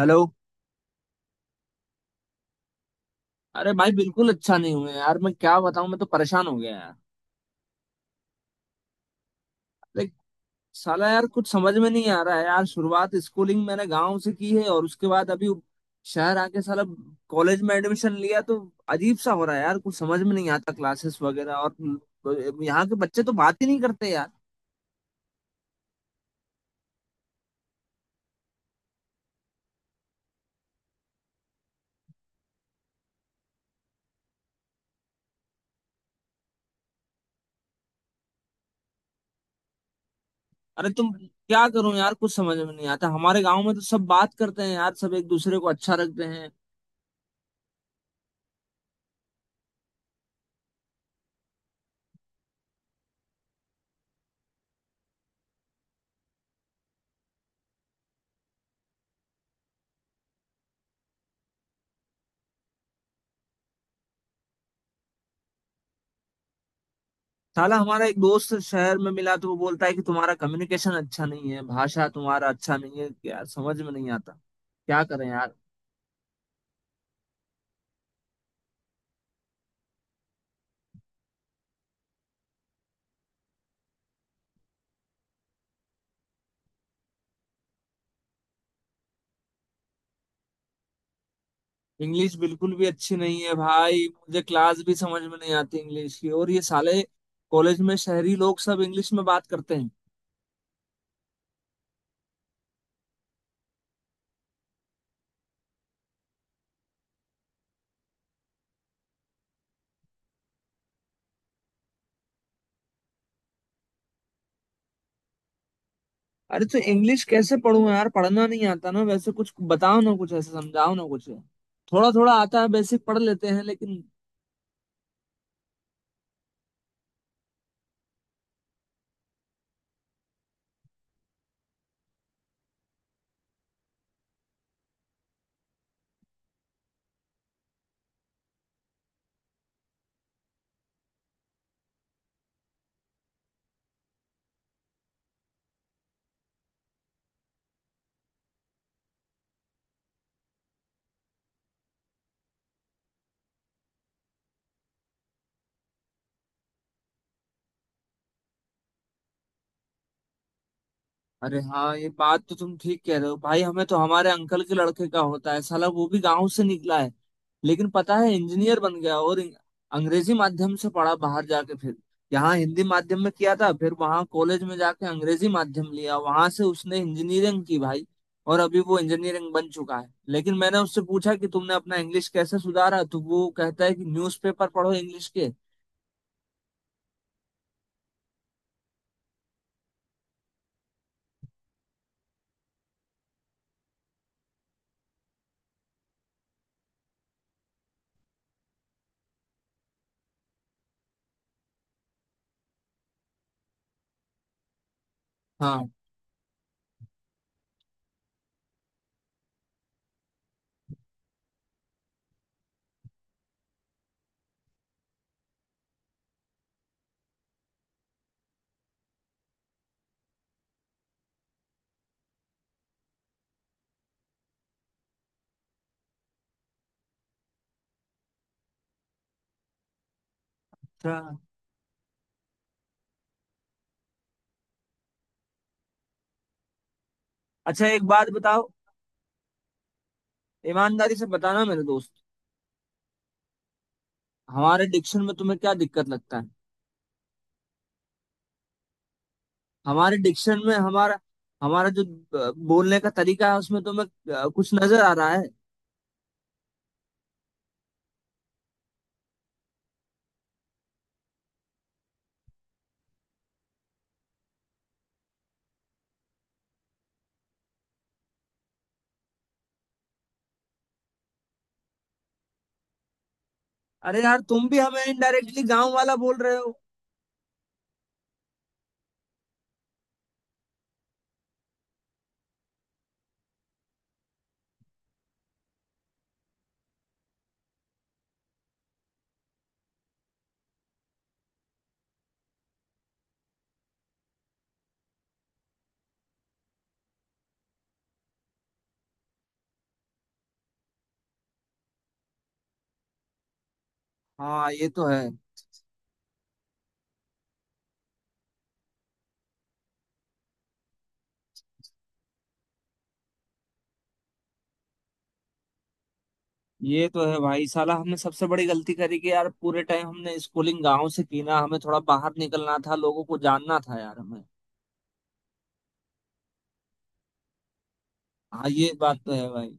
Hello. अरे भाई बिल्कुल अच्छा नहीं हुए यार। मैं क्या बताऊं। मैं तो परेशान हो गया यार। लाइक। साला यार कुछ समझ में नहीं आ रहा है यार। शुरुआत स्कूलिंग मैंने गांव से की है, और उसके बाद अभी शहर आके साला कॉलेज में एडमिशन लिया, तो अजीब सा हो रहा है यार। कुछ समझ में नहीं आता, क्लासेस वगैरह। और तो यहाँ के बच्चे तो बात ही नहीं करते यार। अरे तुम। क्या करूं यार, कुछ समझ में नहीं आता। हमारे गांव में तो सब बात करते हैं यार, सब एक दूसरे को अच्छा रखते हैं। साला हमारा एक दोस्त शहर में मिला, तो वो बोलता है कि तुम्हारा कम्युनिकेशन अच्छा नहीं है, भाषा तुम्हारा अच्छा नहीं है यार। समझ में नहीं आता, क्या करें यार। इंग्लिश बिल्कुल भी अच्छी नहीं है भाई। मुझे क्लास भी समझ में नहीं आती इंग्लिश की। और ये साले कॉलेज में शहरी लोग सब इंग्लिश में बात करते हैं। अरे तो इंग्लिश कैसे पढूं यार? पढ़ना नहीं आता ना वैसे। कुछ बताओ ना, कुछ ऐसे समझाओ ना कुछ। थोड़ा थोड़ा आता है, बेसिक पढ़ लेते हैं, लेकिन। अरे हाँ, ये बात तो तुम ठीक कह रहे हो भाई। हमें तो हमारे अंकल के लड़के का होता है साला। वो भी गांव से निकला है, लेकिन पता है इंजीनियर बन गया। और अंग्रेजी माध्यम से पढ़ा बाहर जाके, फिर यहाँ हिंदी माध्यम में किया था, फिर वहाँ कॉलेज में जाके अंग्रेजी माध्यम लिया, वहां से उसने इंजीनियरिंग की भाई। और अभी वो इंजीनियरिंग बन चुका है, लेकिन मैंने उससे पूछा कि तुमने अपना इंग्लिश कैसे सुधारा, तो वो कहता है कि न्यूज़पेपर पढ़ो इंग्लिश के। हाँ। अच्छा, अच्छा। एक बात बताओ, ईमानदारी से बताना मेरे दोस्त। हमारे डिक्शन में तुम्हें क्या दिक्कत लगता है? हमारे डिक्शन में, हमारा, हमारा जो बोलने का तरीका है, उसमें तुम्हें कुछ नजर आ रहा है? अरे यार, तुम भी हमें इनडायरेक्टली गांव वाला बोल रहे हो। हाँ, ये तो है। ये तो है भाई। साला हमने सबसे बड़ी गलती करी कि यार, पूरे टाइम हमने स्कूलिंग गांव से की ना। हमें थोड़ा बाहर निकलना था, लोगों को जानना था यार, हमें। हाँ, ये बात तो है भाई।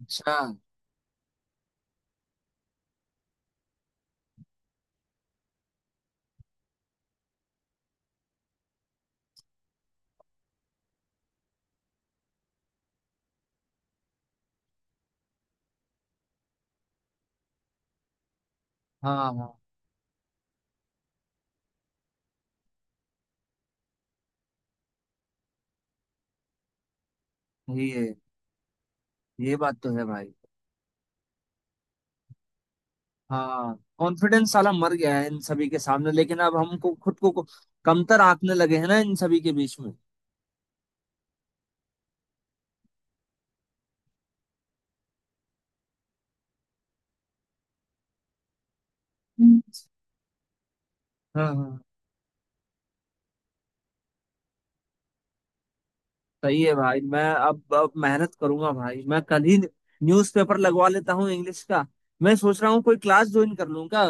अच्छा। हाँ, हाँ, ये ये बात तो है भाई। हाँ, कॉन्फिडेंस साला मर गया है इन सभी के सामने। लेकिन अब हमको खुद को कमतर आंकने लगे हैं ना इन सभी के बीच में। हम्म। हाँ, हाँ, सही है भाई। मैं अब मेहनत करूंगा भाई। मैं कल ही न्यूज़पेपर लगवा लेता हूँ इंग्लिश का। मैं सोच रहा हूँ कोई क्लास ज्वाइन कर लूँ क्या?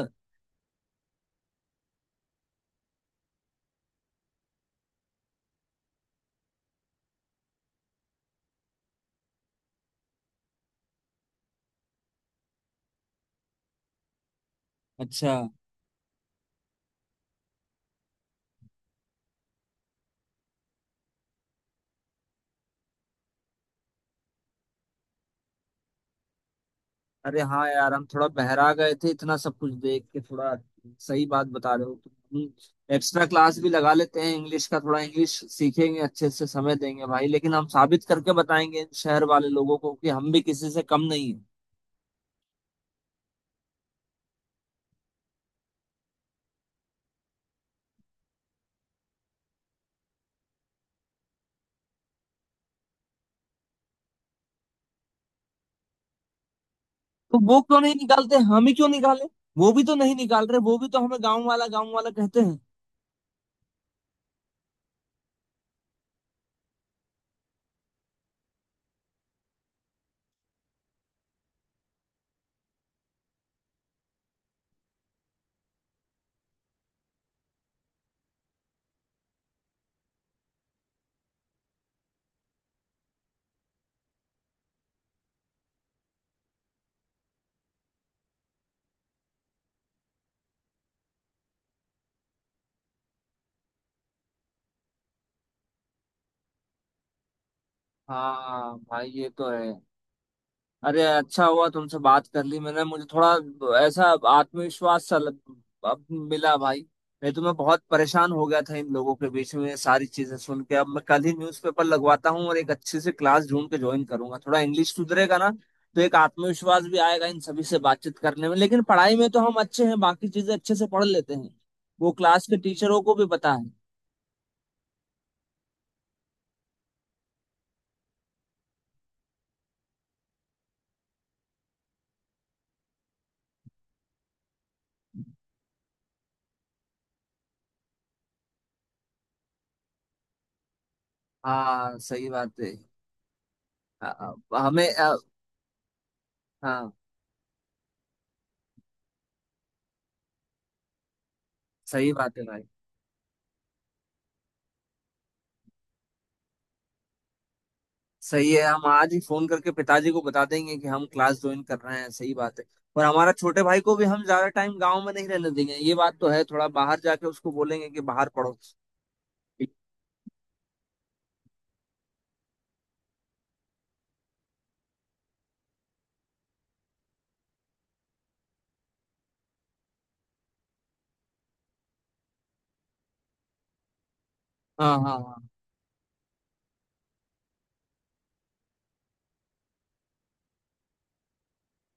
अच्छा। अरे हाँ यार, हम थोड़ा बहरा गए थे इतना सब कुछ देख के। थोड़ा सही बात बता रहे हो तुम। एक्स्ट्रा क्लास भी लगा लेते हैं इंग्लिश का, थोड़ा इंग्लिश सीखेंगे अच्छे से, समय देंगे भाई। लेकिन हम साबित करके बताएंगे इन शहर वाले लोगों को कि हम भी किसी से कम नहीं है। तो वो क्यों नहीं निकालते? हम ही क्यों निकाले? वो भी तो नहीं निकाल रहे, वो भी तो हमें गाँव वाला कहते हैं। हाँ भाई, ये तो है। अरे अच्छा हुआ तुमसे बात कर ली मैंने, मुझे थोड़ा ऐसा आत्मविश्वास सा अब मिला भाई। नहीं तो मैं बहुत परेशान हो गया था इन लोगों के बीच में ये सारी चीजें सुन के। अब मैं कल ही न्यूज़पेपर लगवाता हूँ और एक अच्छी सी क्लास ढूंढ के ज्वाइन करूंगा, थोड़ा इंग्लिश सुधरेगा ना। तो एक आत्मविश्वास भी आएगा इन सभी से बातचीत करने में। लेकिन पढ़ाई में तो हम अच्छे हैं, बाकी चीजें अच्छे से पढ़ लेते हैं। वो क्लास के टीचरों को भी पता है। हाँ, सही बात है। हमें हाँ, सही बात है भाई। सही है, हम आज ही फोन करके पिताजी को बता देंगे कि हम क्लास ज्वाइन कर रहे हैं, सही बात है। और हमारा छोटे भाई को भी हम ज्यादा टाइम गांव में नहीं रहने देंगे, ये बात तो है। थोड़ा बाहर जाके उसको बोलेंगे कि बाहर पढ़ो। हाँ, हाँ, हाँ।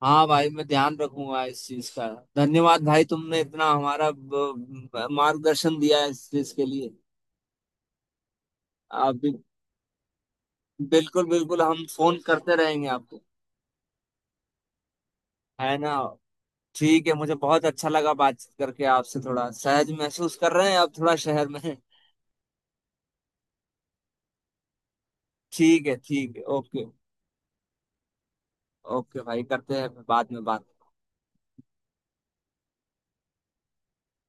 हाँ भाई, मैं ध्यान रखूंगा इस चीज का। धन्यवाद भाई, तुमने इतना हमारा मार्गदर्शन दिया है इस चीज के लिए। आप भी। बिल्कुल, बिल्कुल। हम फोन करते रहेंगे आपको। है ना। ठीक है, मुझे बहुत अच्छा लगा बातचीत करके आपसे। थोड़ा सहज महसूस कर रहे हैं आप थोड़ा शहर में। ठीक है, ठीक है। ओके। ओके भाई, करते हैं बाद में बात।